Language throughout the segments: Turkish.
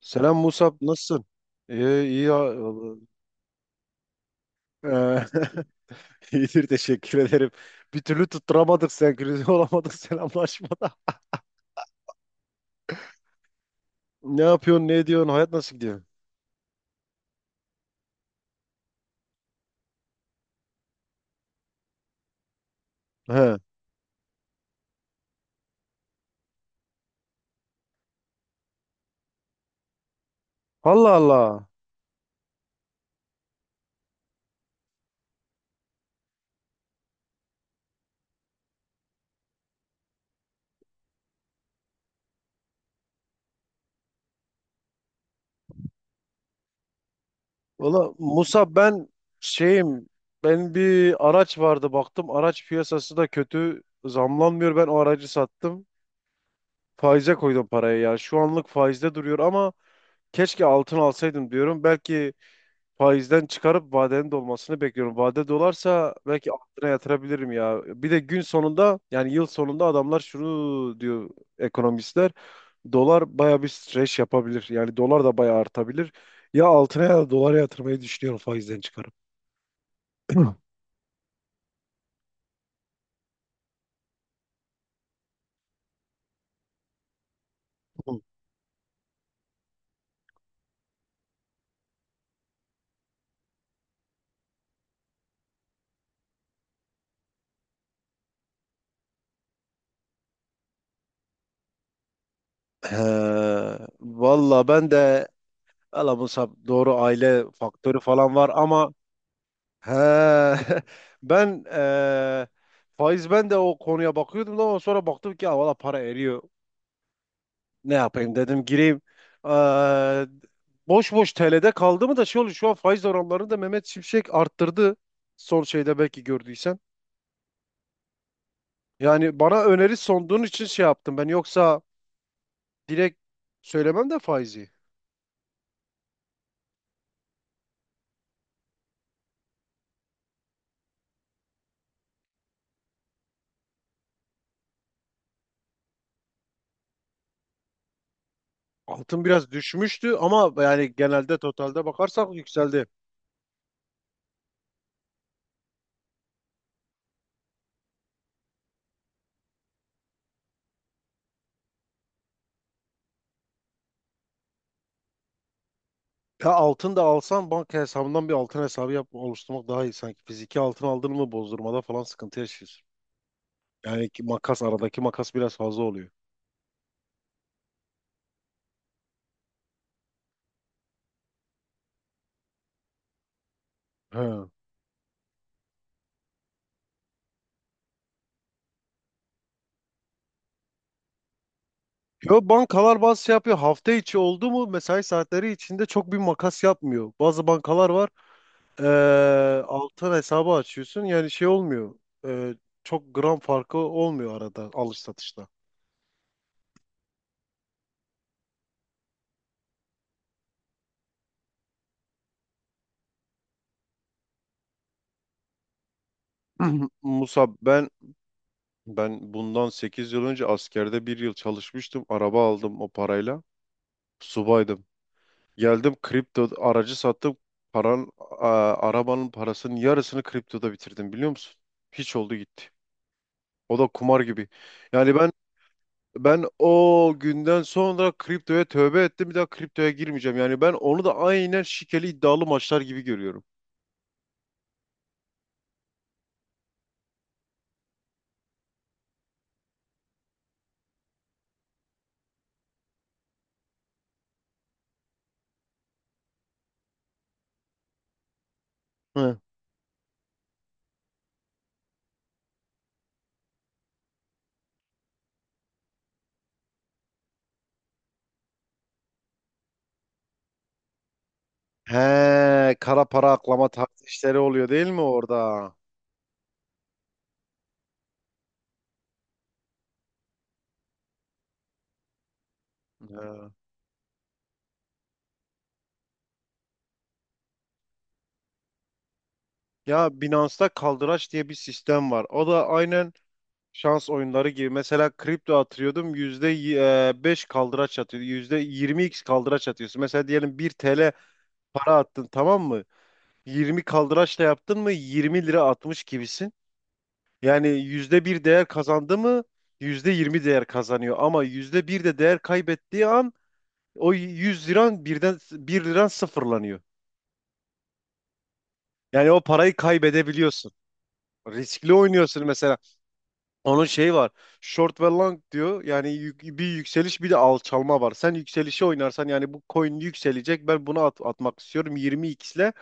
Selam Musab, nasılsın? İyi, iyi ya. Eee, İyidir, teşekkür ederim. Bir türlü tutturamadık senkronize olamadık selamlaşmada. Ne yapıyorsun, ne ediyorsun, hayat nasıl gidiyor? He. Allah Allah. Valla Musab, şeyim, ben bir araç vardı baktım. Araç piyasası da kötü, zamlanmıyor. Ben o aracı sattım. Faize koydum parayı ya. Şu anlık faizde duruyor ama keşke altın alsaydım diyorum. Belki faizden çıkarıp vadenin dolmasını bekliyorum. Vade dolarsa belki altına yatırabilirim ya. Bir de gün sonunda yani yıl sonunda adamlar şunu diyor ekonomistler. Dolar baya bir streç yapabilir. Yani dolar da baya artabilir. Ya altına ya da dolara yatırmayı düşünüyorum faizden çıkarıp. He, valla ben de valla Musab, doğru aile faktörü falan var ama. He. Ben eee ben de o konuya bakıyordum da, ama sonra baktım ki, "Aa, valla para eriyor. Ne yapayım dedim, gireyim." Eee, boş boş TL'de kaldı mı da şey oluyor, şu an faiz oranlarını da Mehmet Şimşek arttırdı. Son şeyde belki gördüysen. Yani bana öneri sunduğun için şey yaptım ben, yoksa direkt söylemem de faizi. Altın biraz düşmüştü ama yani genelde totalde bakarsak yükseldi. Ya altın da alsan banka hesabından bir altın hesabı yap, oluşturmak daha iyi sanki. Fiziki altın aldın mı bozdurmada falan sıkıntı yaşıyorsun. Yani ki makas, aradaki makas biraz fazla oluyor. He. Yo, bankalar bazı şey yapıyor. Hafta içi oldu mu mesai saatleri içinde çok bir makas yapmıyor, bazı bankalar var. Altın hesabı açıyorsun, yani şey olmuyor. Ee, çok gram farkı olmuyor arada alış satışta. Musab, ben bundan 8 yıl önce askerde bir yıl çalışmıştım. Araba aldım o parayla. Subaydım. Geldim, kripto aracı sattım. Arabanın parasının yarısını kriptoda bitirdim, biliyor musun? Hiç oldu gitti. O da kumar gibi. Yani ben o günden sonra kriptoya tövbe ettim. Bir daha kriptoya girmeyeceğim. Yani ben onu da aynen şikeli iddialı maçlar gibi görüyorum. Hı. He, kara para aklama tarzı işleri oluyor değil mi orada? He. Ya Binance'da kaldıraç diye bir sistem var. O da aynen şans oyunları gibi. Mesela kripto atıyordum, %5 kaldıraç atıyordu, yüzde yirmi x kaldıraç atıyorsun. Mesela diyelim 1 TL para attın, tamam mı? 20 kaldıraçla yaptın mı 20 lira atmış gibisin. Yani %1 değer kazandı mı %20 değer kazanıyor. Ama %1 de değer kaybettiği an o 100 liran birden, bir liran, sıfırlanıyor. Yani o parayı kaybedebiliyorsun. Riskli oynuyorsun mesela. Onun şeyi var. Short ve long diyor. Yani bir yükseliş bir de alçalma var. Sen yükselişi oynarsan, yani bu coin yükselecek. Ben bunu atmak istiyorum 20x ile.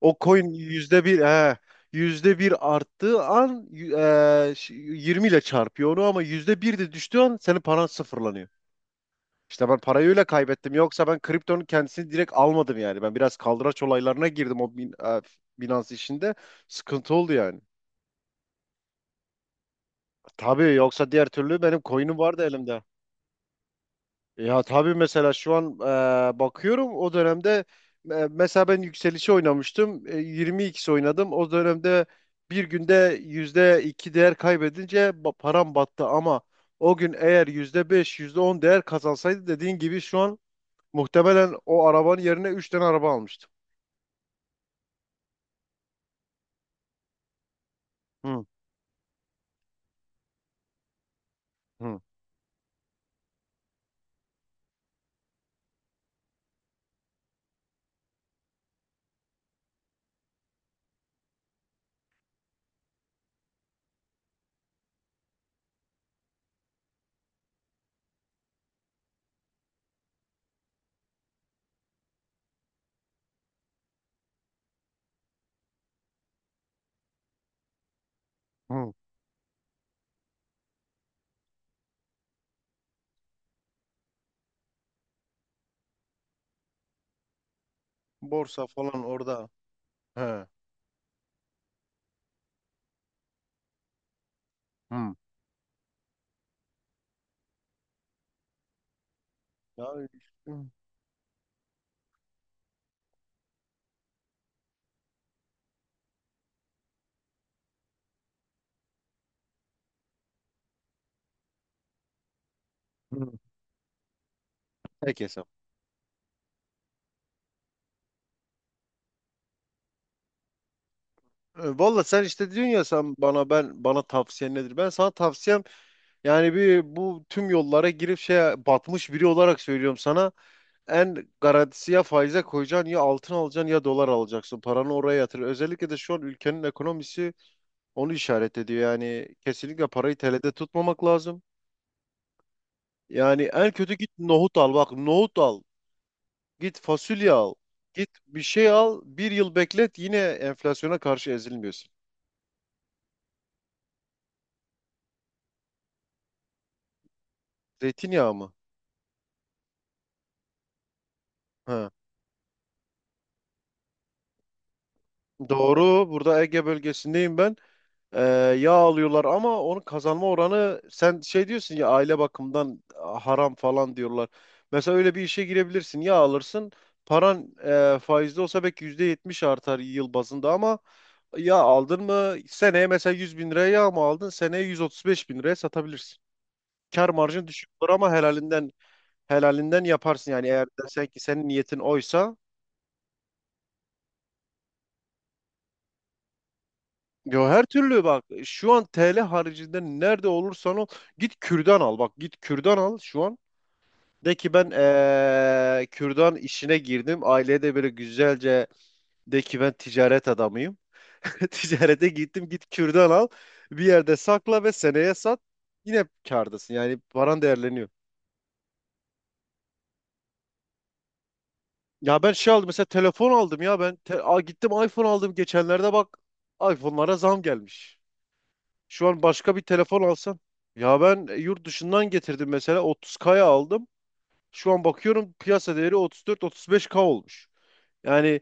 O coin %1, he, yüzde bir arttığı an 20 ile çarpıyor onu, ama %1 de düştüğü an senin paran sıfırlanıyor. İşte ben parayı öyle kaybettim. Yoksa ben kriptonun kendisini direkt almadım yani. Ben biraz kaldıraç olaylarına girdim o Binance işinde. Sıkıntı oldu yani. Tabii yoksa diğer türlü benim coin'im vardı elimde. Ya tabii mesela şu an, bakıyorum o dönemde, mesela ben yükselişi oynamıştım. 22'si oynadım. O dönemde bir günde %2 değer kaybedince param battı, ama o gün eğer %5 yüzde on değer kazansaydı, dediğin gibi şu an muhtemelen o arabanın yerine 3 tane araba almıştım. Hı, hı, hı. Borsa falan orada. He. Hı. Ya, hı, hı. Peki. Valla sen işte diyorsun ya, sen bana ben bana, tavsiyen nedir? Ben sana tavsiyem yani, bir bu tüm yollara girip şey batmış biri olarak söylüyorum sana. En garantisi, ya faize koyacaksın, ya altın alacaksın, ya dolar alacaksın. Paranı oraya yatır. Özellikle de şu an ülkenin ekonomisi onu işaret ediyor. Yani kesinlikle parayı TL'de tutmamak lazım. Yani en kötü git nohut al. Bak, nohut al. Git fasulye al. Git bir şey al. Bir yıl beklet, yine enflasyona karşı ezilmiyorsun. Zeytinyağı mı? He. Doğru. Burada Ege bölgesindeyim ben. Ee, yağ alıyorlar ama onun kazanma oranı, sen şey diyorsun ya, aile bakımından haram falan diyorlar. Mesela öyle bir işe girebilirsin. Yağ alırsın. Paran faizli olsa belki %70 artar yıl bazında, ama yağ aldın mı seneye mesela 100.000 liraya yağ mı aldın, seneye 135.000 liraya satabilirsin. Kar marjın düşük olur ama helalinden helalinden yaparsın yani, eğer desen ki senin niyetin oysa. Ya her türlü, bak şu an TL haricinde nerede olursan ol, git kürdan al, bak git kürdan al şu an, de ki ben, kürdan işine girdim, aileye de böyle güzelce de ki ben ticaret adamıyım. Ticarete gittim, git kürdan al, bir yerde sakla ve seneye sat, yine kârdasın, yani paran değerleniyor. Ya ben şey aldım, mesela telefon aldım ya, ben gittim iPhone aldım geçenlerde, bak iPhone'lara zam gelmiş. Şu an başka bir telefon alsam. Ya ben, yurt dışından getirdim, mesela 30 kaya aldım. Şu an bakıyorum piyasa değeri 34-35K olmuş. Yani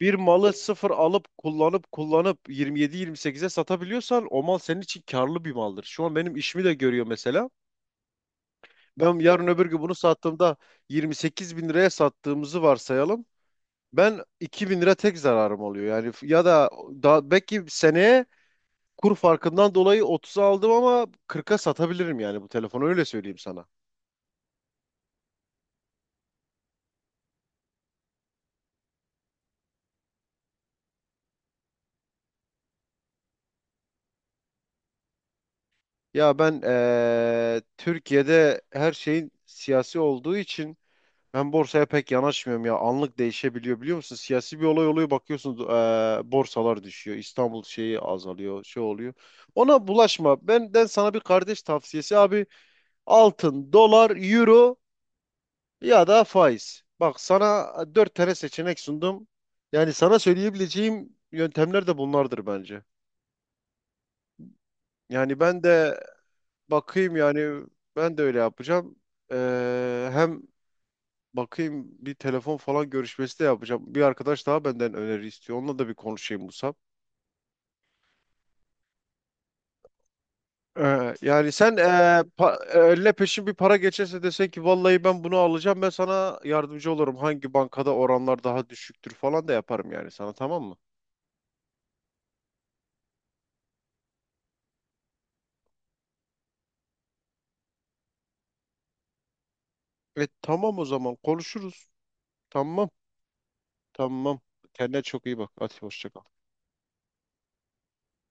bir malı sıfır alıp kullanıp kullanıp 27-28'e satabiliyorsan, o mal senin için karlı bir maldır. Şu an benim işimi de görüyor mesela. Ben yarın öbür gün bunu sattığımda 28 bin liraya sattığımızı varsayalım. Ben 2 bin lira tek zararım oluyor. Yani ya da, daha belki seneye kur farkından dolayı 30'a aldım ama 40'a satabilirim yani, bu telefonu öyle söyleyeyim sana. Ya ben, Türkiye'de her şeyin siyasi olduğu için ben borsaya pek yanaşmıyorum ya. Anlık değişebiliyor, biliyor musun? Siyasi bir olay oluyor, bakıyorsun borsalar düşüyor. İstanbul şeyi azalıyor, şey oluyor. Ona bulaşma. Benden sana bir kardeş tavsiyesi abi. Altın, dolar, euro ya da faiz. Bak sana dört tane seçenek sundum. Yani sana söyleyebileceğim yöntemler de bunlardır bence. Yani ben de bakayım yani, ben de öyle yapacağım. Hem bakayım, bir telefon falan görüşmesi de yapacağım. Bir arkadaş daha benden öneri istiyor, onunla da bir konuşayım Musab. Yani sen, eline peşin bir para geçerse, desen ki vallahi ben bunu alacağım, ben sana yardımcı olurum. Hangi bankada oranlar daha düşüktür falan da yaparım yani sana, tamam mı? Tamam, o zaman konuşuruz. Tamam. Tamam. Kendine çok iyi bak. Hadi hoşça kal.